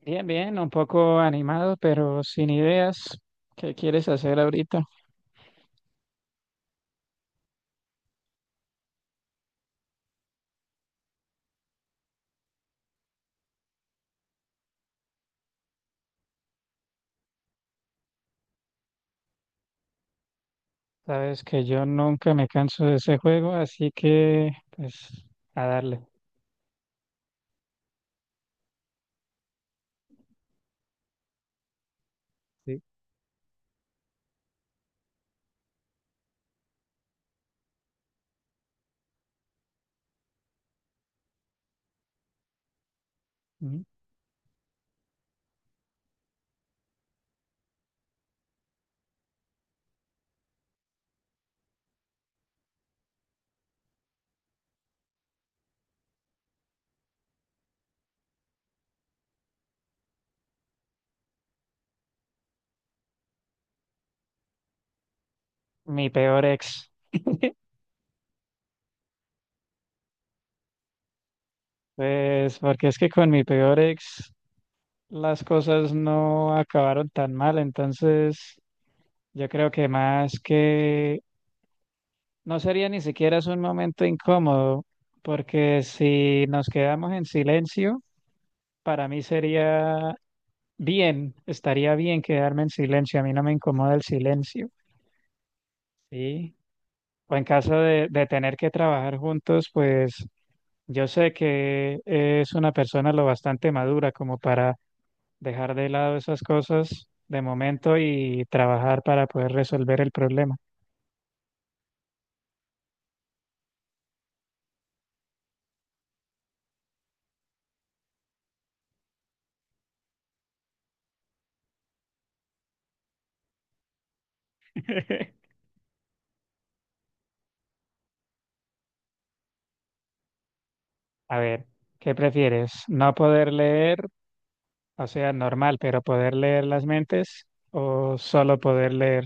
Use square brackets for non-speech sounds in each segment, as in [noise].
Bien, bien, un poco animado, pero sin ideas. ¿Qué quieres hacer ahorita? Sabes que yo nunca me canso de ese juego, así que pues a darle. Sí. Mm, mi peor ex. Pues porque es que con mi peor ex las cosas no acabaron tan mal, entonces yo creo que más que no sería ni siquiera es un momento incómodo, porque si nos quedamos en silencio, para mí sería bien, estaría bien quedarme en silencio, a mí no me incomoda el silencio. ¿Sí? O en caso de tener que trabajar juntos, pues yo sé que es una persona lo bastante madura como para dejar de lado esas cosas de momento y trabajar para poder resolver el problema. [laughs] A ver, ¿qué prefieres? ¿No poder leer, o sea, normal, pero poder leer las mentes o solo poder leer?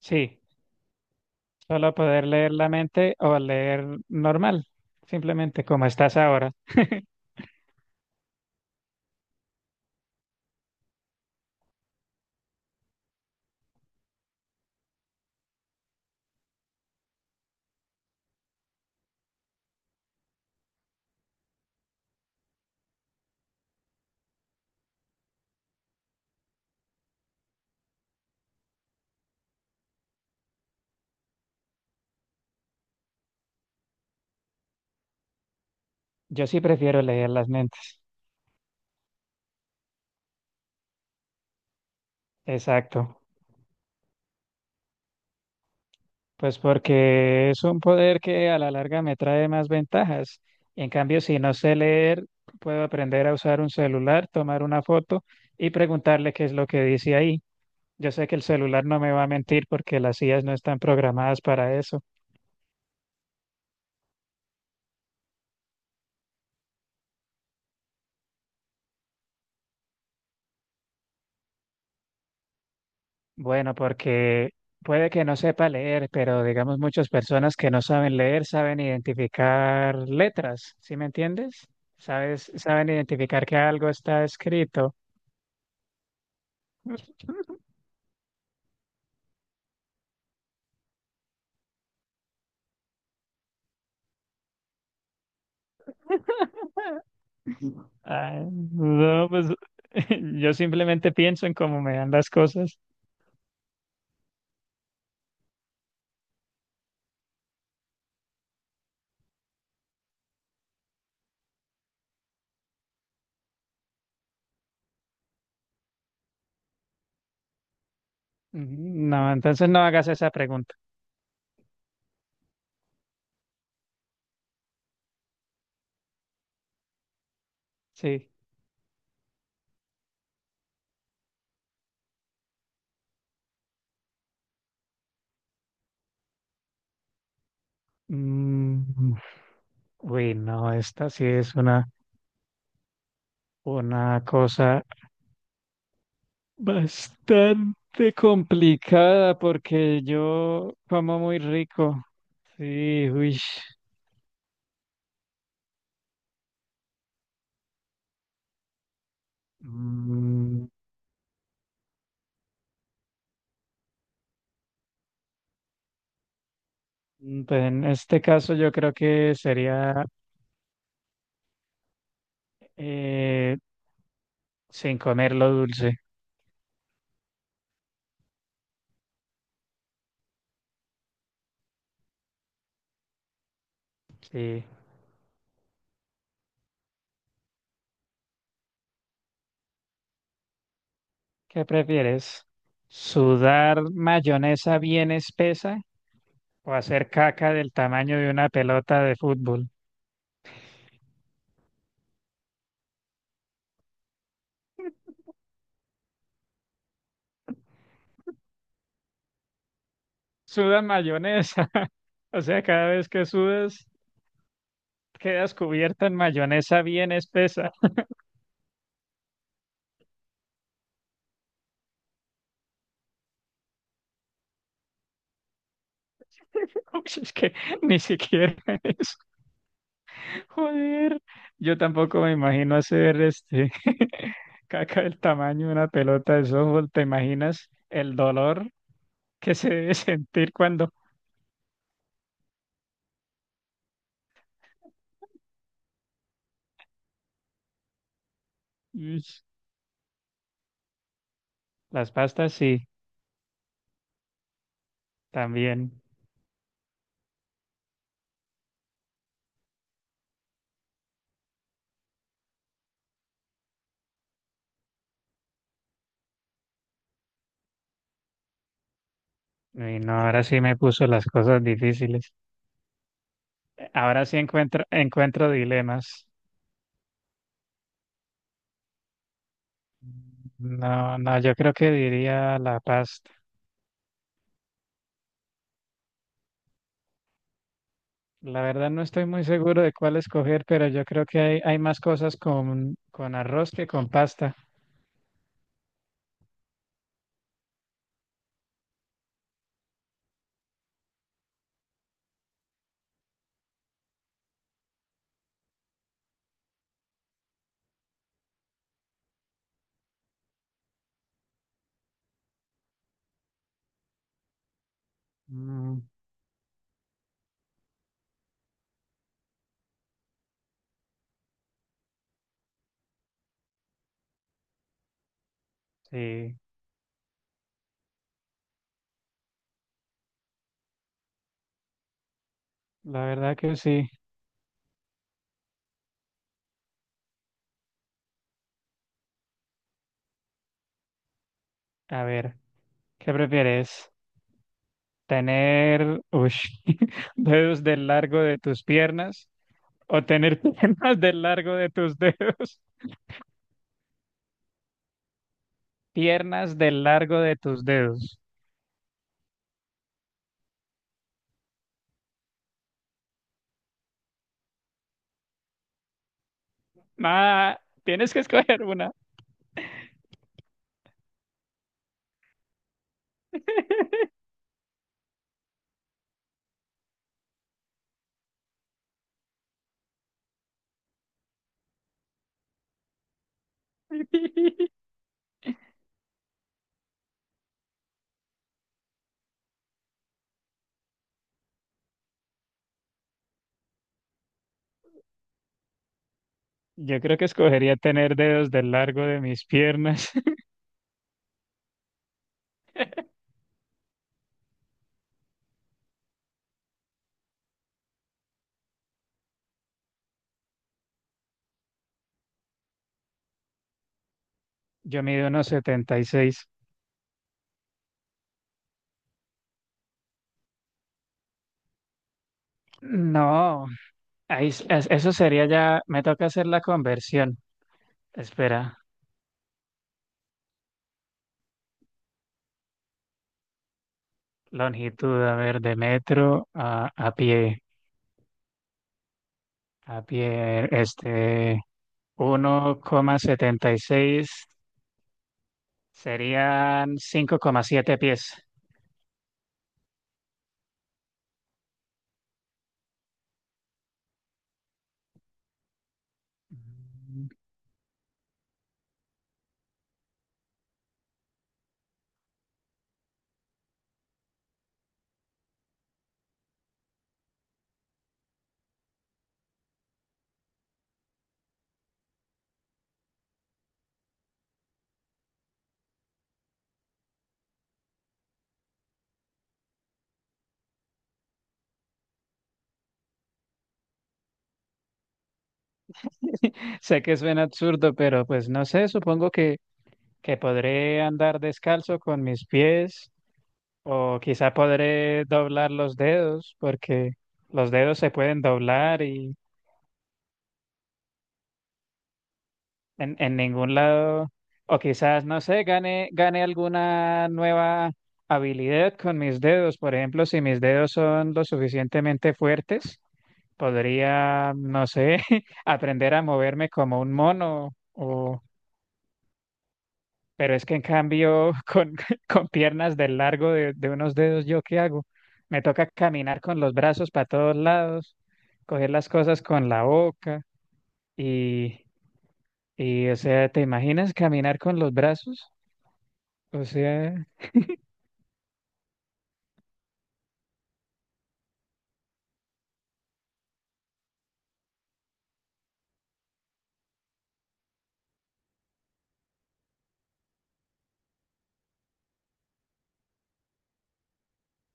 Sí, solo poder leer la mente o leer normal, simplemente como estás ahora. [laughs] Yo sí prefiero leer las mentes. Exacto, pues porque es un poder que a la larga me trae más ventajas. En cambio, si no sé leer, puedo aprender a usar un celular, tomar una foto y preguntarle qué es lo que dice ahí. Yo sé que el celular no me va a mentir porque las IAs no están programadas para eso. Bueno, porque puede que no sepa leer, pero digamos muchas personas que no saben leer saben identificar letras, ¿sí me entiendes? Sabes, saben identificar que algo está escrito. Bueno, Ah, no, pues [laughs] yo simplemente pienso en cómo me dan las cosas. Mm, no, entonces no hagas esa pregunta. Sí. Mm, uy, no, esta sí es una cosa bastante complicada porque yo como muy rico. Sí, uy. Mm, pues en este caso yo creo que sería eh, sin comer lo dulce. Sí. ¿Qué prefieres? ¿Sudar mayonesa bien espesa o hacer caca del tamaño de una pelota de fútbol? Suda mayonesa, [laughs] o sea, cada vez que sudas quedas cubierta en mayonesa bien espesa. [laughs] Uy, es que ni siquiera eso. Joder, yo tampoco me imagino hacer [laughs] caca del tamaño de una pelota de softball. ¿Te imaginas el dolor que se debe [laughs] sentir cuando uy, las pastas sí, también. Y no, ahora sí me puso las cosas difíciles. Ahora sí encuentro dilemas. No, no, yo creo que diría la pasta. La verdad no estoy muy seguro de cuál escoger, pero yo creo que hay más cosas con arroz que con pasta. Mm, sí, la verdad que sí. A ver, ¿qué prefieres? ¿Tener ush, [laughs] dedos del largo de tus piernas o tener [laughs] piernas del largo de tus dedos? Piernas del largo de tus dedos. Ah, tienes que escoger una. Yo creo que escogería tener dedos del largo de mis piernas. [laughs] Yo mido unos 76. No, ahí, eso sería ya, me toca hacer la conversión. Espera, longitud, a ver, de metro a pie, a pie, este, 1,76 serían 5,7 pies. [laughs] Sé que suena absurdo, pero pues no sé, supongo que podré andar descalzo con mis pies o quizá podré doblar los dedos porque los dedos se pueden doblar y en ningún lado, o quizás, no sé, gane alguna nueva habilidad con mis dedos. Por ejemplo, si mis dedos son lo suficientemente fuertes, podría, no sé, [laughs] aprender a moverme como un mono. Pero es que en cambio, con, [laughs] con piernas del largo de unos dedos, ¿yo qué hago? Me toca caminar con los brazos para todos lados, coger las cosas con la boca y, y, o sea, ¿te imaginas caminar con los brazos? O sea,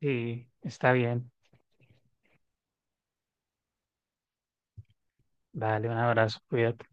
sí, está bien. Dale un abrazo, cuídate.